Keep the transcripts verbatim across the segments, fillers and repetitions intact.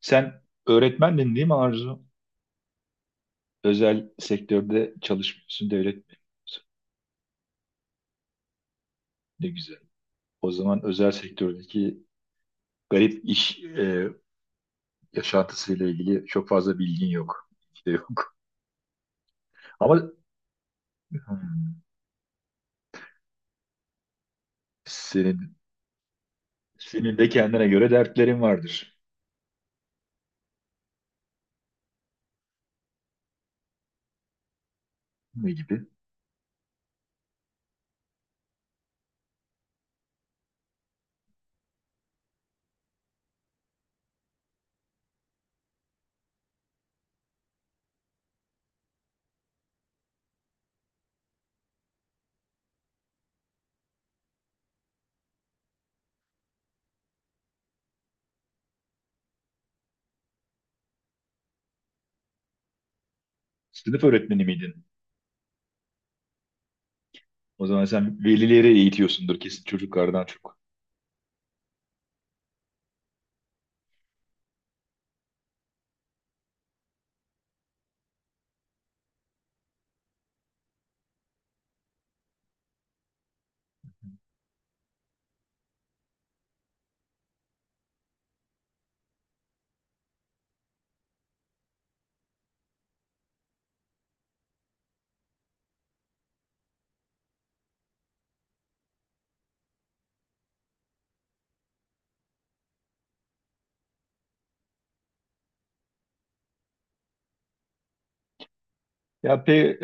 Sen öğretmendin değil mi, Arzu? Özel sektörde çalışmıyorsun, devlet öğretmeniyorsun. Ne güzel. O zaman özel sektördeki garip iş e, yaşantısıyla ilgili çok fazla bilgin yok. İşte yok. Ama hmm, senin senin de kendine göre dertlerin vardır. Ne gibi? Sınıf öğretmeni miydin? O zaman sen velileri eğitiyorsundur kesin, çocuklardan çok. Ya pe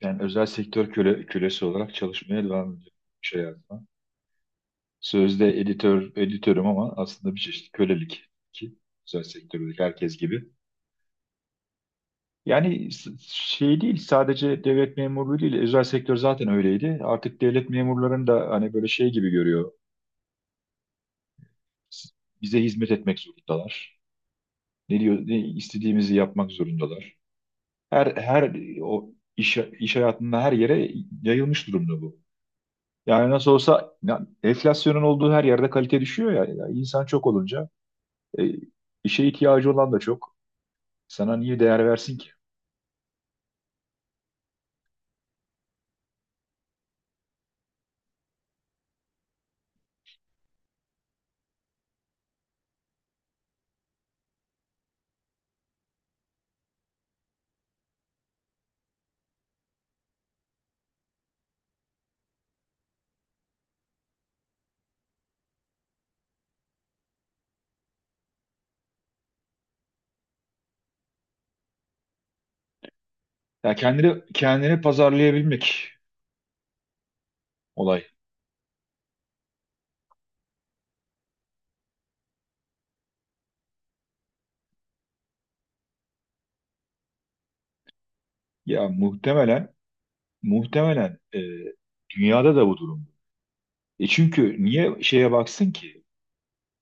Yani özel sektör köle, kölesi olarak çalışmaya devam ediyorum. Şey yani. Sözde editör, editörüm ama aslında bir çeşit kölelik, ki özel sektördeki herkes gibi. Yani s- şey değil, sadece devlet memurluğu değil, özel sektör zaten öyleydi. Artık devlet memurlarını da hani böyle şey gibi görüyor. S- Bize hizmet etmek zorundalar. Ne diyor, ne istediğimizi yapmak zorundalar. Her her o iş iş hayatında her yere yayılmış durumda bu. Yani nasıl olsa ya, enflasyonun olduğu her yerde kalite düşüyor ya. Ya insan çok olunca e, işe ihtiyacı olan da çok. Sana niye değer versin ki? Ya kendini kendini pazarlayabilmek olay. Ya muhtemelen muhtemelen e, dünyada da bu durum. E çünkü niye şeye baksın ki?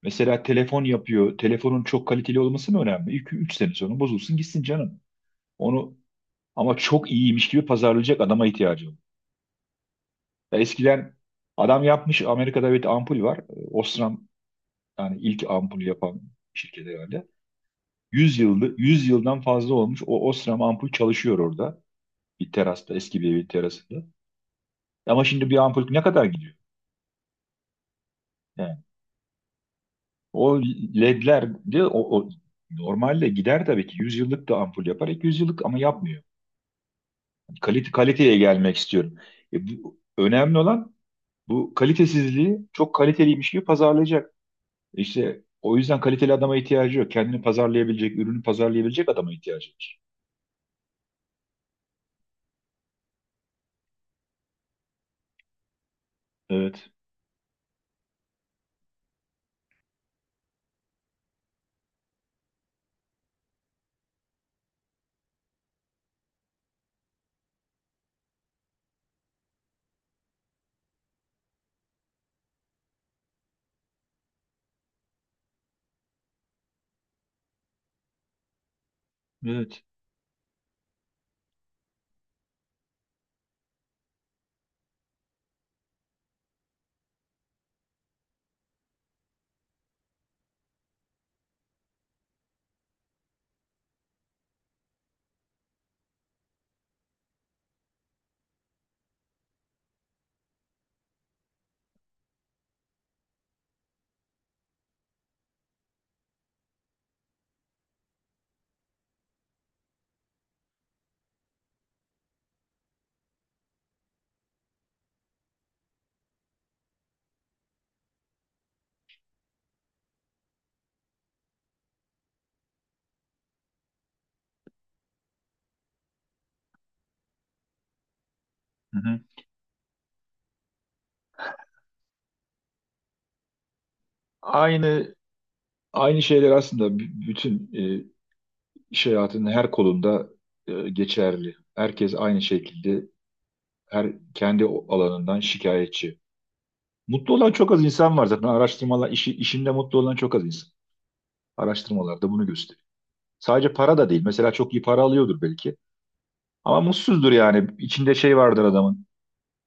Mesela telefon yapıyor. Telefonun çok kaliteli olması mı önemli? iki üç sene sonra bozulsun gitsin canım. Onu ama çok iyiymiş gibi pazarlayacak adama ihtiyacı var. Ya eskiden adam yapmış, Amerika'da bir ampul var. E, Osram, yani ilk ampul yapan şirket herhalde. Yüz yıldır yüz yıldan fazla olmuş. O Osram ampul çalışıyor orada, bir terasta, eski bir evin terasında. Ama şimdi bir ampul ne kadar gidiyor? Yani o ledler de o, o normalde gider tabii ki, yüz yıllık da ampul yapar, iki yüz yıllık, ama yapmıyor. Yani Kalite, kaliteye gelmek istiyorum. E, bu, önemli olan bu kalitesizliği çok kaliteliymiş gibi pazarlayacak. İşte o yüzden kaliteli adama ihtiyacı yok. Kendini pazarlayabilecek, ürünü pazarlayabilecek adama ihtiyacı var. Evet, evet. Hı hı. Aynı aynı şeyler aslında b- bütün e, İş hayatının her kolunda e, geçerli. Herkes aynı şekilde her kendi o- alanından şikayetçi. Mutlu olan çok az insan var zaten. Araştırmalar, işi, işinde mutlu olan çok az insan. Araştırmalar da bunu gösteriyor. Sadece para da değil. Mesela çok iyi para alıyordur belki. Ama mutsuzdur yani. İçinde şey vardır adamın.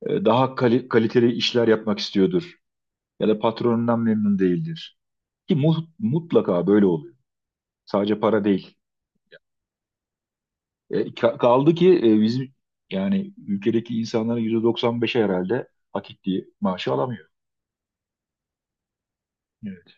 E, Daha kali- kaliteli işler yapmak istiyordur. Ya da patronundan memnun değildir. Ki mu- mutlaka böyle oluyor. Sadece para değil. E, ka- kaldı ki e, bizim, yani ülkedeki insanların yüzde doksan beşi herhalde hak ettiği maaşı alamıyor. Evet.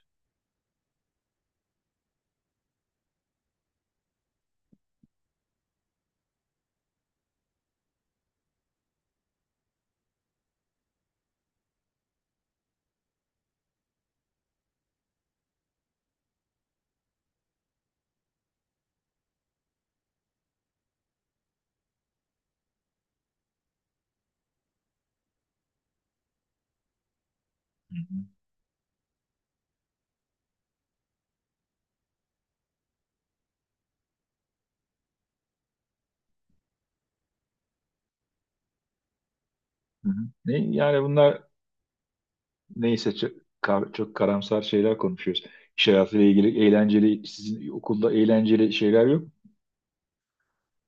Hı hı. Hı hı. Ne, yani bunlar neyse, çok, kar- çok karamsar şeyler konuşuyoruz. İş hayatıyla ilgili eğlenceli, sizin okulda eğlenceli şeyler yok mu?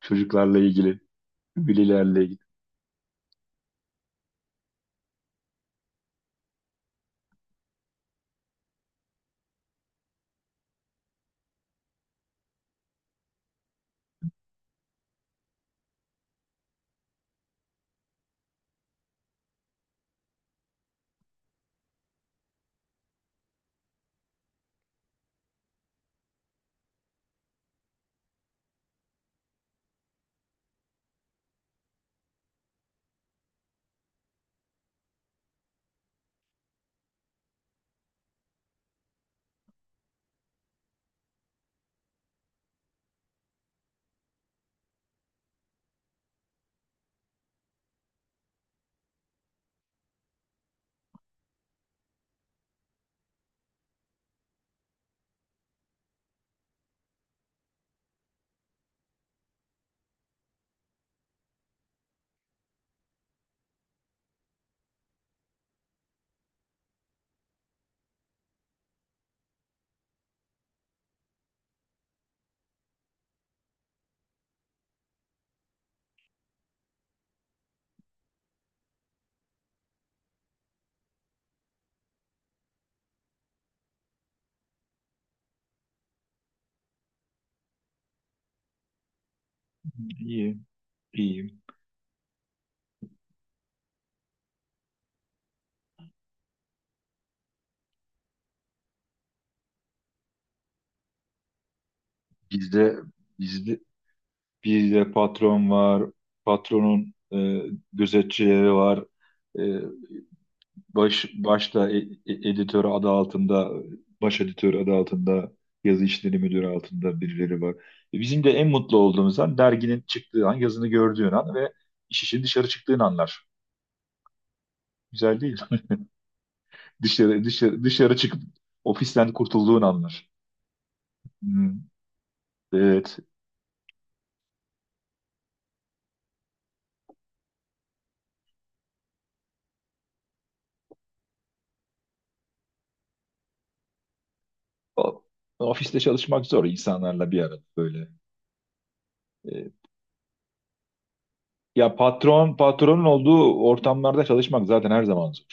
Çocuklarla ilgili, velilerle ilgili. İyi, iyiyim. Bizde, bizde, bizde patron var, patronun e, gözetçileri var. E, baş başta e- e- editör adı altında, baş editör adı altında, yazı işleri müdürü altında birileri var. E, Bizim de en mutlu olduğumuz an derginin çıktığı an, yazını gördüğün an ve iş işin dışarı çıktığın anlar. Güzel değil mi? Dışarı dışarı dışarı çıkıp ofisten kurtulduğun anlar. Hmm, evet. O- Ofiste çalışmak zor, insanlarla bir arada böyle. E, Ya patron, patronun olduğu ortamlarda çalışmak zaten her zaman zor.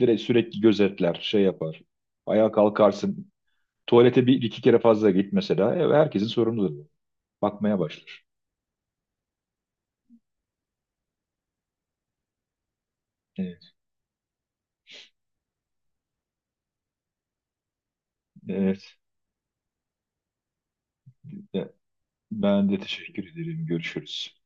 Direkt sürekli gözetler, şey yapar. Ayağa kalkarsın. Tuvalete bir, iki kere fazla git mesela. E, Herkesin sorumluluğu. Bakmaya başlar. Evet. Evet. Ben de teşekkür ederim. Görüşürüz.